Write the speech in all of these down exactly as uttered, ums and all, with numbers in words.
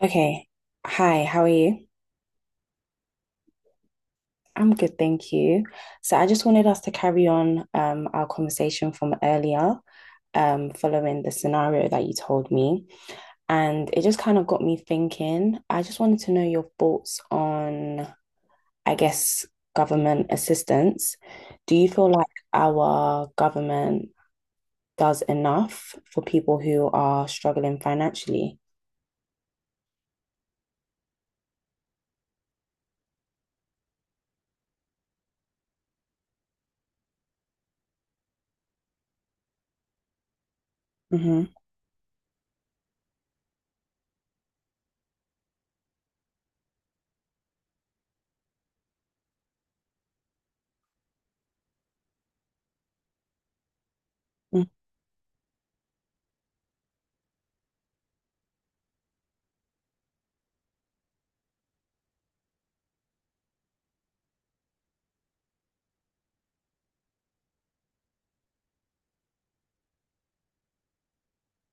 Okay. Hi, how are you? I'm good, thank you. So I just wanted us to carry on um, our conversation from earlier, um, following the scenario that you told me. And it just kind of got me thinking. I just wanted to know your thoughts on, I guess, government assistance. Do you feel like our government does enough for people who are struggling financially? Hmm.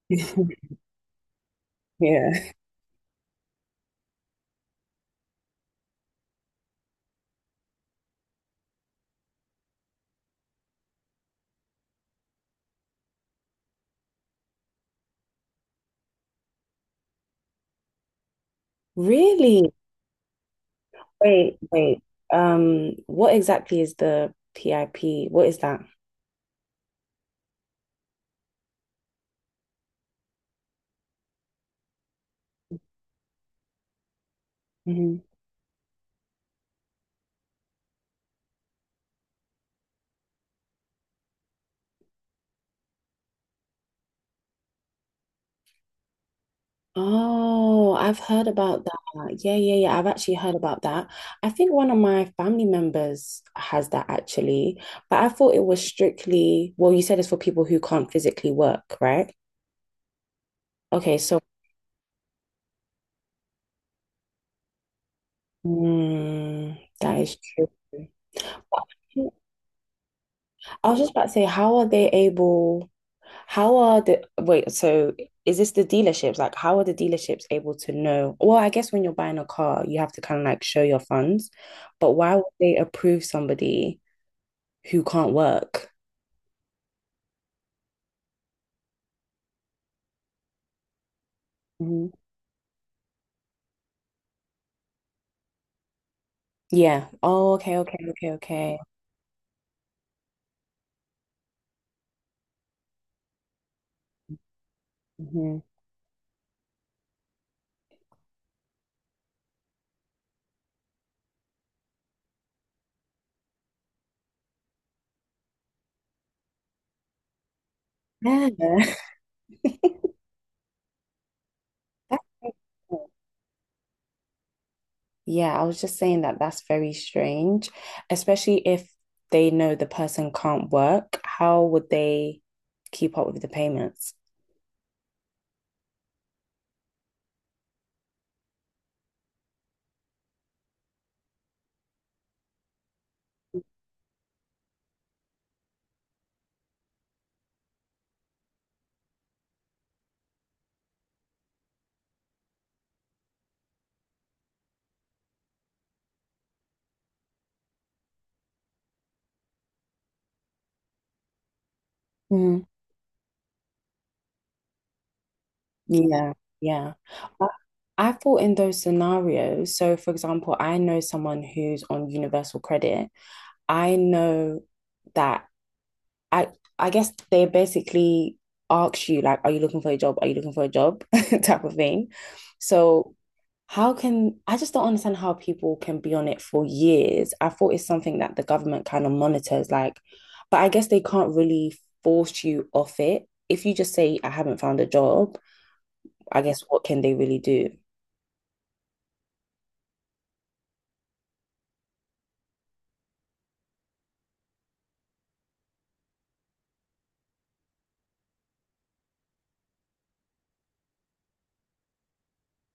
Yeah. Really? Wait, wait. Um, what exactly is the P I P? What is that? Hmm. Oh, I've heard about that. Yeah, yeah, yeah. I've actually heard about that. I think one of my family members has that actually, but I thought it was strictly, well, you said it's for people who can't physically work, right? Okay, so mm, that is true. I was just about to say, how are they able? How are the wait? So is this the dealerships? Like, how are the dealerships able to know? Well, I guess when you're buying a car, you have to kind of like show your funds, but why would they approve somebody who can't work? Mhm. Yeah. Oh, okay, okay, okay, okay. Mhm. Yeah. That's Yeah, I was just saying that that's very strange, especially if they know the person can't work. How would they keep up with the payments? Mm. Yeah, yeah. I, I thought in those scenarios, so for example, I know someone who's on Universal Credit. I know that I I guess they basically ask you like, are you looking for a job? Are you looking for a job? type of thing. So how can I just don't understand how people can be on it for years. I thought it's something that the government kind of monitors, like, but I guess they can't really force you off it. If you just say, I haven't found a job, I guess what can they really do?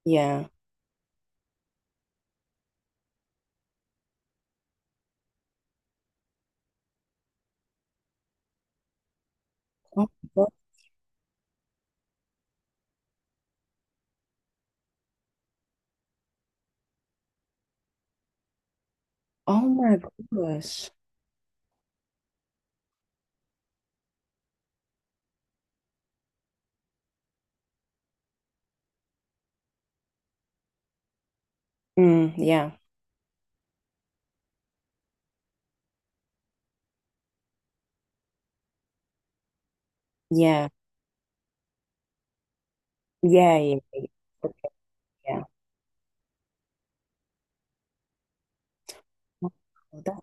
Yeah. Oh my God. Oh my gosh. Mm, yeah. Yeah. Yeah. Yeah. Yeah. Okay, yeah. Wow,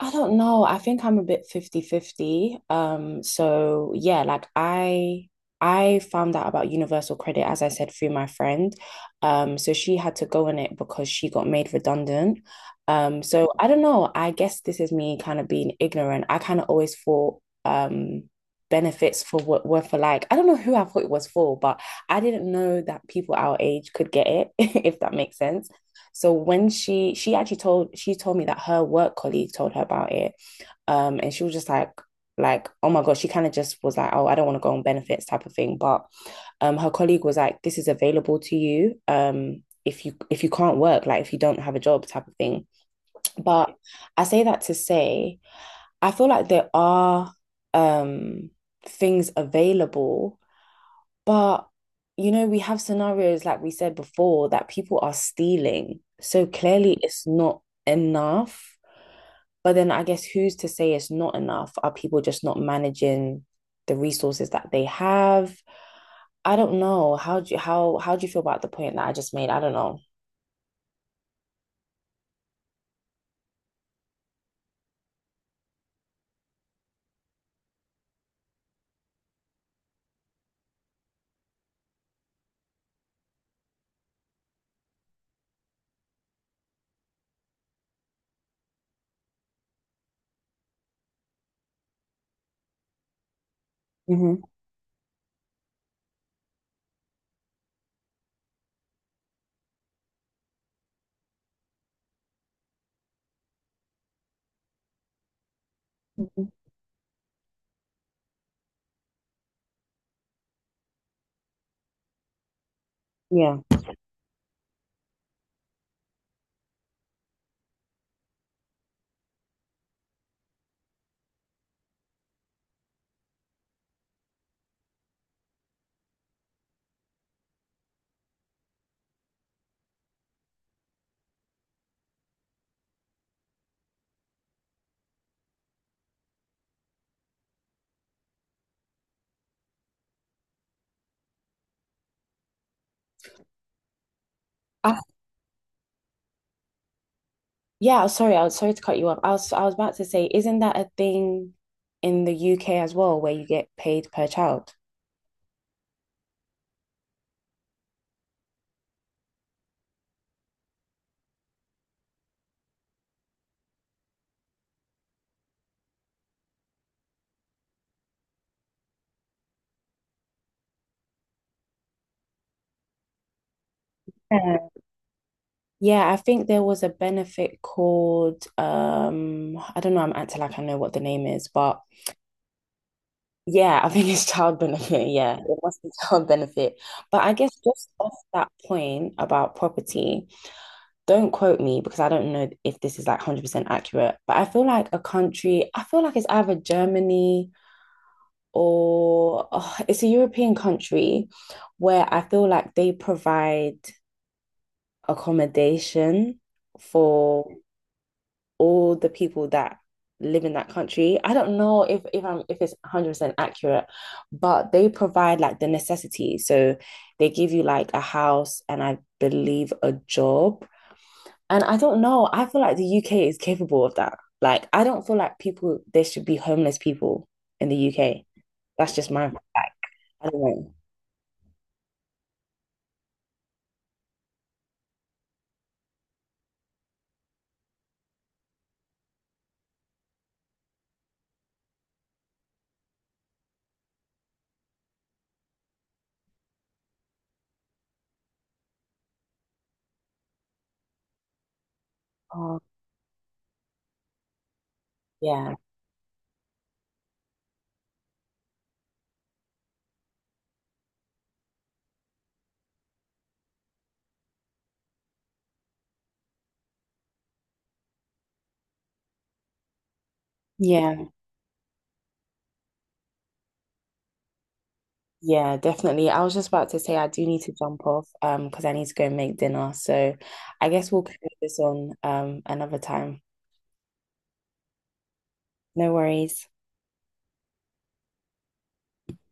I don't know. I think I'm a bit fifty fifty. Um, so yeah, like I I found out about Universal Credit, as I said, through my friend. Um, so she had to go in it because she got made redundant. Um, so I don't know. I guess this is me kind of being ignorant. I kind of always thought um benefits for what were for like I don't know who I thought it was for, but I didn't know that people our age could get it, if that makes sense. So when she she actually told she told me that her work colleague told her about it. Um, and she was just like like oh my god she kind of just was like oh I don't want to go on benefits type of thing but um her colleague was like this is available to you um if you if you can't work like if you don't have a job type of thing but I say that to say I feel like there are um things available but, you know, we have scenarios, like we said before, that people are stealing. So clearly it's not enough. But then I guess who's to say it's not enough? Are people just not managing the resources that they have? I don't know. How do you, how how do you feel about the point that I just made? I don't know. Mm-hmm. Mhm. Yeah. I Yeah, sorry, I was sorry to cut you off. I was I was about to say, isn't that a thing in the U K as well, where you get paid per child? Yeah. Yeah, I think there was a benefit called um I don't know, I'm acting like I know what the name is, but yeah, I think it's child benefit. Yeah, it must be child benefit. But I guess just off that point about property, don't quote me because I don't know if this is like one hundred percent accurate, but I feel like a country, I feel like it's either Germany or ugh, it's a European country where I feel like they provide accommodation for all the people that live in that country. I don't know if if I'm if it's one hundred percent accurate, but they provide like the necessities. So they give you like a house and I believe a job. And I don't know, I feel like the U K is capable of that. Like I don't feel like people there should be homeless people in the U K. That's just my like, I don't know. Oh, yeah. Yeah. Yeah, definitely. I was just about to say I do need to jump off um because I need to go and make dinner. So I guess we'll carry this on um another time. No worries.